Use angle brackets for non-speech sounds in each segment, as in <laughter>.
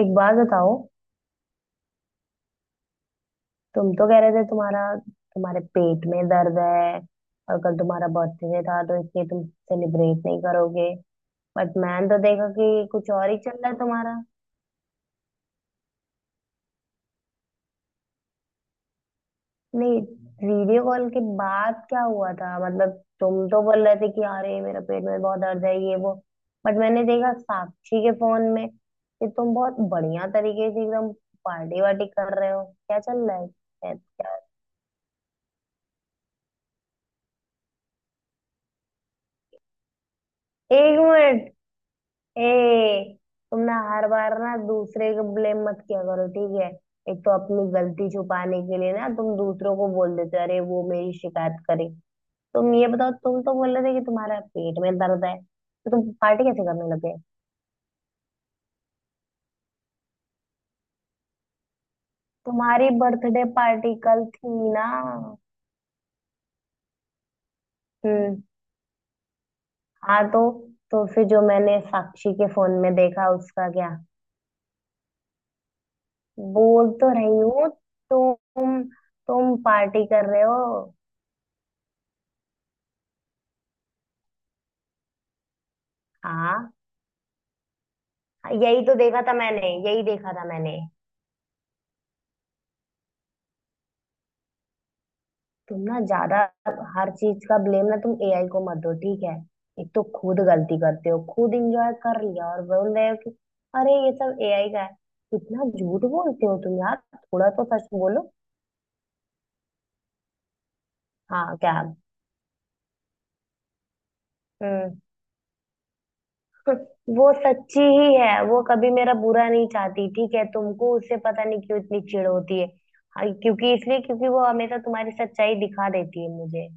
एक बात बताओ। तुम तो कह रहे थे तुम्हारा तुम्हारे पेट में दर्द है और कल तुम्हारा बर्थडे था तो इसलिए तुम सेलिब्रेट नहीं करोगे। बट मैंने तो देखा कि कुछ और ही चल रहा है तुम्हारा। नहीं, वीडियो कॉल के बाद क्या हुआ था, मतलब तुम तो बोल रहे थे कि अरे मेरा पेट में बहुत दर्द है ये वो। बट मैंने देखा साक्षी के फोन में कि तुम बहुत बढ़िया तरीके से एकदम पार्टी वार्टी कर रहे हो। क्या चल रहा है? क्या- क्या- एक मिनट। ए, तुम ना हर बार ना दूसरे को ब्लेम मत किया करो, ठीक है। एक तो अपनी गलती छुपाने के लिए ना तुम दूसरों को बोल देते हो अरे वो मेरी शिकायत करे। तुम ये बताओ, तुम तो बोल रहे थे कि तुम्हारा पेट में दर्द है, तो तुम पार्टी कैसे करने लगे? तुम्हारी बर्थडे पार्टी कल थी ना। हम्म। हाँ तो फिर जो मैंने साक्षी के फोन में देखा उसका क्या? बोल तो रही हूँ। तुम तुम पार्टी कर रहे हो। हाँ, यही तो देखा था मैंने, यही देखा था मैंने। तुम ना ज्यादा, हर चीज का ब्लेम ना तुम एआई को मत दो, ठीक है। एक तो खुद गलती करते हो, खुद इंजॉय कर लिया और बोल रहे हो कि अरे ये सब एआई का है। इतना झूठ बोलते हो तुम यार, थोड़ा तो सच बोलो। हाँ क्या। हम्म। <laughs> वो सच्ची ही है, वो कभी मेरा बुरा नहीं चाहती, ठीक है। तुमको उससे पता नहीं क्यों इतनी चिढ़ होती है। हाँ, क्योंकि, इसलिए क्योंकि वो हमेशा तुम्हारी सच्चाई दिखा देती है मुझे।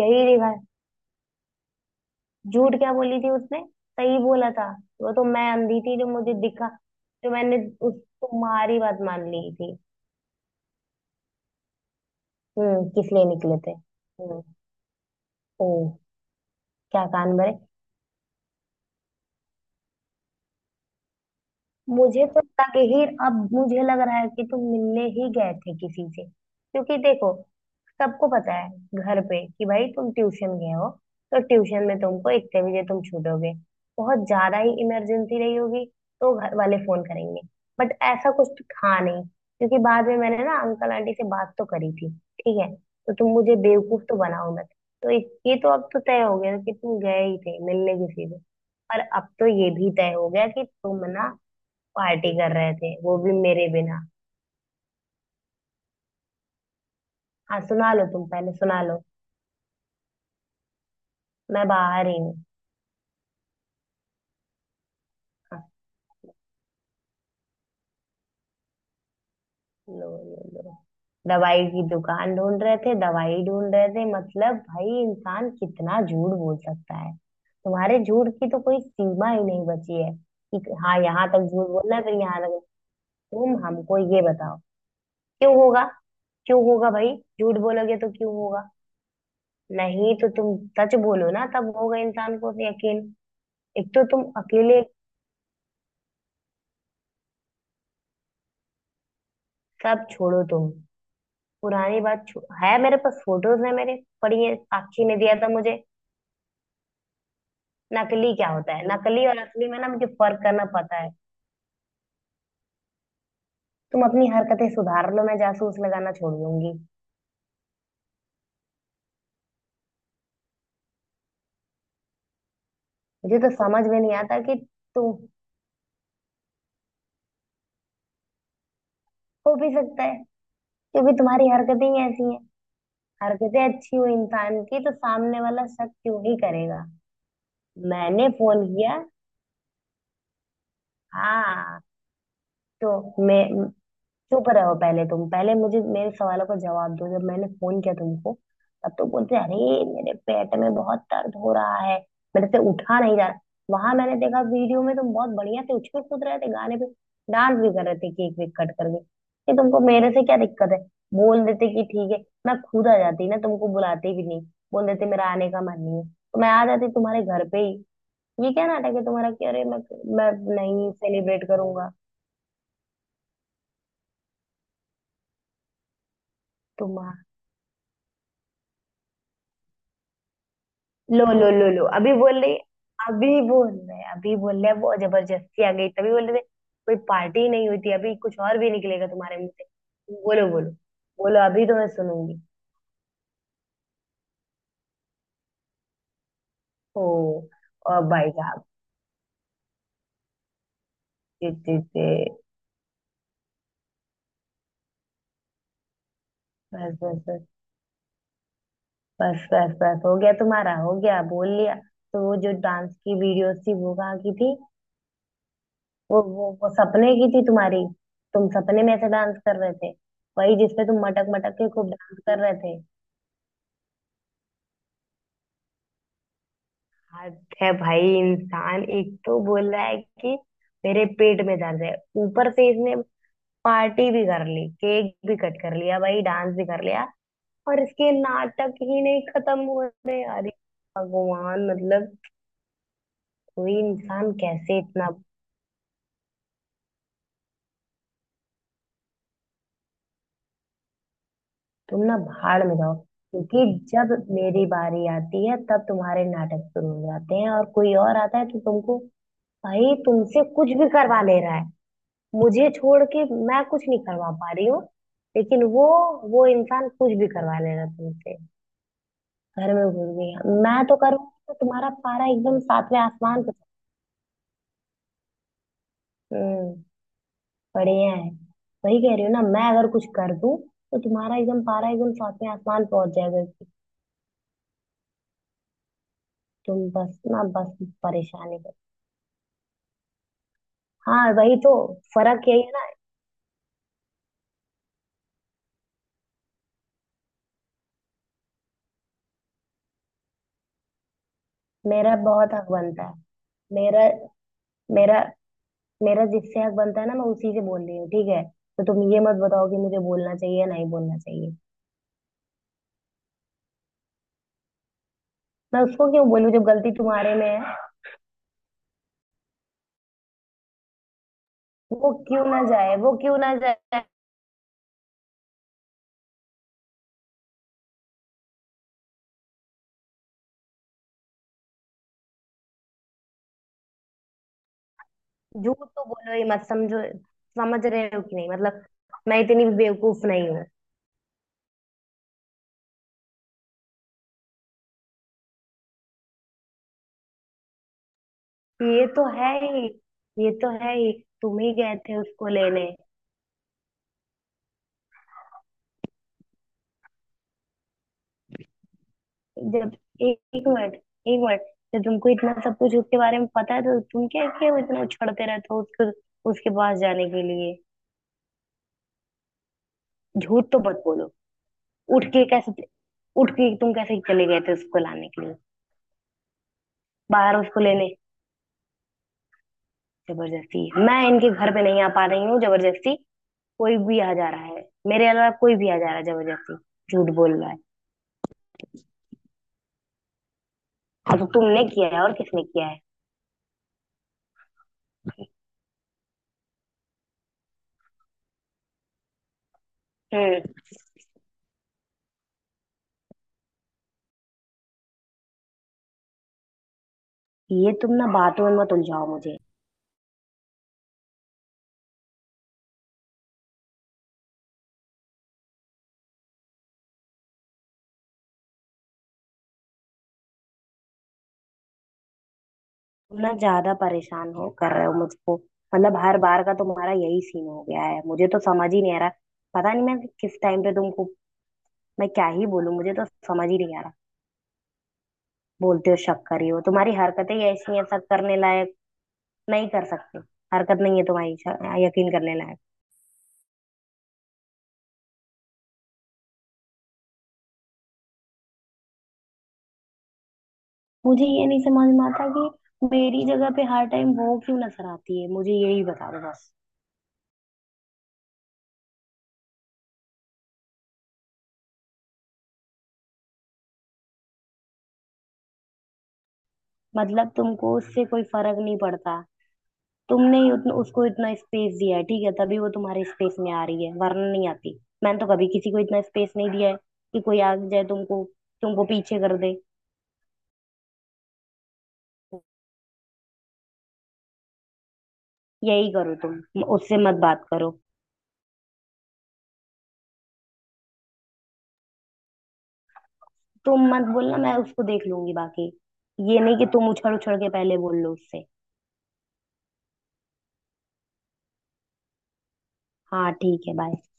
यही दिखा। झूठ क्या बोली थी उसने? सही बोला था। वो तो मैं अंधी थी जो मुझे दिखा। जो मैंने उस तुम्हारी बात मान ली थी। हम्म, किस लिए निकले थे? हम्म। ओ, क्या कान भरे? मुझे तो लगे ही, अब मुझे लग रहा है कि तुम मिलने ही गए थे किसी से, क्योंकि देखो सबको पता है घर पे कि भाई तुम ट्यूशन गए हो, तो ट्यूशन में तुमको इतने बजे तुम छूटोगे, बहुत ज्यादा ही इमरजेंसी रही होगी, तो घर वाले फोन करेंगे। बट ऐसा कुछ तो था नहीं क्योंकि बाद में मैंने ना अंकल आंटी से बात तो करी थी। ठीक है, तो तुम मुझे बेवकूफ तो बनाओ मत। ये तो अब तो तय हो गया कि तुम गए ही थे मिलने किसी से। पर अब तो ये भी तय हो गया कि तुम ना पार्टी कर रहे थे, वो भी मेरे बिना। हाँ सुना लो, तुम पहले सुना लो। मैं बाहर ही हूँ। लो लो लो, दवाई की दुकान ढूंढ रहे थे, दवाई ढूंढ रहे थे, मतलब भाई इंसान कितना झूठ बोल सकता है! तुम्हारे झूठ की तो कोई सीमा ही नहीं बची है कि हाँ यहाँ तक झूठ बोलना है, फिर यहाँ तक। तुम हमको ये बताओ, क्यों होगा? क्यों होगा भाई? झूठ बोलोगे तो क्यों होगा? नहीं, तो तुम सच बोलो ना, तब होगा इंसान को भी यकीन। एक तो तुम अकेले, सब छोड़ो तुम। है मेरे पास फोटोज है मेरे पड़ी है, साक्षी ने दिया था मुझे। नकली क्या होता है? नकली और असली में ना मुझे फर्क करना पता है। तुम अपनी हरकतें सुधार लो, मैं जासूस लगाना छोड़ दूंगी। मुझे तो समझ में नहीं आता कि तुम, हो भी सकता है क्योंकि तुम्हारी हरकतें ही ऐसी हैं। हरकतें अच्छी हो इंसान की तो सामने वाला शक क्यों ही करेगा? मैंने फोन किया। हाँ तो मैं, चुप रहो पहले तुम, पहले मुझे मेरे सवालों का जवाब दो। जब मैंने फोन किया तुमको, तब तुम बोलते अरे मेरे पेट में बहुत दर्द हो रहा है, मेरे से उठा नहीं जा रहा। वहां मैंने देखा वीडियो में तुम बहुत बढ़िया से उछल कूद रहे थे गाने पे, डांस भी कर रहे थे केक वेक कट करके। कि तुमको मेरे से क्या दिक्कत है? बोल देते कि ठीक है, मैं खुद आ जाती ना, तुमको बुलाती भी नहीं। बोल देते मेरा आने का मन नहीं है, तो मैं आ जाती तुम्हारे घर पे ही। ये क्या नाटक है तुम्हारा कि अरे मैं नहीं सेलिब्रेट करूंगा। लो लो लो लो, अभी बोल रही, अभी बोल रहे, अभी बोल रहे वो जबरदस्ती आ गई, तभी बोल रहे थे कोई पार्टी नहीं हुई थी। अभी कुछ और भी निकलेगा तुम्हारे मुंह से। बोलो, बोलो, बोलो, अभी तो मैं सुनूंगी। ओ, और भाई साहब! ते, ते, ते, बस बस बस, बस बस बस, हो गया तुम्हारा, हो गया बोल लिया। तो वो जो डांस की वीडियोस थी वो कहाँ की थी? वो सपने की थी तुम्हारी। तुम सपने में ऐसे डांस कर रहे थे, वही जिसपे तुम मटक मटक के खूब डांस कर रहे थे। आज है भाई! इंसान एक तो बोल रहा है कि मेरे पेट में दर्द है, ऊपर से इसने पार्टी भी कर ली, केक भी कट कर लिया भाई, डांस भी कर लिया, और इसके नाटक ही नहीं खत्म हुए हैं यार। भगवान, मतलब कोई इंसान कैसे इतना! तुम ना भाड़ में जाओ, क्योंकि जब मेरी बारी आती है तब तुम्हारे नाटक शुरू हो जाते हैं, और कोई और आता है तो तुमको, भाई तुमसे कुछ भी करवा ले रहा है। मुझे छोड़ के मैं कुछ नहीं करवा पा रही हूँ। लेकिन वो इंसान कुछ भी करवा लेगा तुमसे। घर में घुस गई, मैं तो करूँगी तो तुम्हारा पारा एकदम सातवें आसमान पे। हम्म, बढ़िया है। वही कह रही हूँ ना मैं, अगर कुछ कर दूँ तो तुम्हारा एकदम पारा एकदम सातवें आसमान पहुंच जाएगा कि, तुम बस ना, बस परेशानी करो। हाँ वही तो, फर्क यही है ना। मेरा बहुत हक बनता है। मेरा, मेरा, मेरा जिससे हक बनता है ना मैं उसी से बोल रही हूँ, ठीक है। तो तुम ये मत बताओ कि मुझे बोलना चाहिए या नहीं बोलना चाहिए। मैं उसको क्यों बोलूँ जब गलती तुम्हारे में है? वो क्यों ना जाए, वो क्यों ना जाए? झूठ तो बोलो ही मत, समझो। समझ रहे हो कि नहीं, मतलब मैं इतनी भी बेवकूफ नहीं हूँ। ये तो है ही, ये तो है ही। तुम ही गए थे उसको लेने। जब, एक एक मिनट एक मिनट, जब तुमको इतना सब कुछ उसके बारे में पता है, तो तुम क्या क्यों इतना उछड़ते रहते हो उसको उसके पास जाने के लिए? झूठ तो मत बोलो। उठ के कैसे, उठ के तुम कैसे चले गए थे उसको लाने के लिए बाहर उसको लेने? जबरदस्ती। मैं इनके घर पे नहीं आ पा रही हूँ, जबरदस्ती कोई भी आ जा रहा है। मेरे अलावा कोई भी आ जा रहा है जबरदस्ती। झूठ बोल रहा है। हाँ तो तुमने किया है, और किसने किया है? हम्म। ये तुम ना बातों में मत उलझाओ मुझे। तुम ना ज्यादा परेशान हो कर रहे हो मुझको। मतलब हर बार का तुम्हारा यही सीन हो गया है, मुझे तो समझ ही नहीं आ रहा। पता नहीं मैं किस टाइम पे तुमको, मैं क्या ही बोलूं, मुझे तो समझ ही नहीं आ रहा। बोलते हो शक करी हो, तुम्हारी हरकतें ही ऐसी हैं शक करने लायक। नहीं कर सकते, हरकत नहीं है तुम्हारी यकीन करने लायक। मुझे ये नहीं समझ में आता कि मेरी जगह पे हर टाइम वो क्यों नजर आती है, मुझे यही बता दो बस। मतलब तुमको उससे कोई फर्क नहीं पड़ता। तुमने ही उसको इतना स्पेस दिया है, ठीक है, तभी वो तुम्हारे स्पेस में आ रही है, वरना नहीं आती। मैंने तो कभी किसी को इतना स्पेस नहीं दिया है कि कोई आ जाए तुमको, तुमको पीछे कर दे। यही करो, तुम उससे मत बात करो। तुम मत बोलना, मैं उसको देख लूंगी बाकी। ये नहीं कि तुम उछल उछल के पहले बोल लो उससे। हाँ ठीक है, बाय।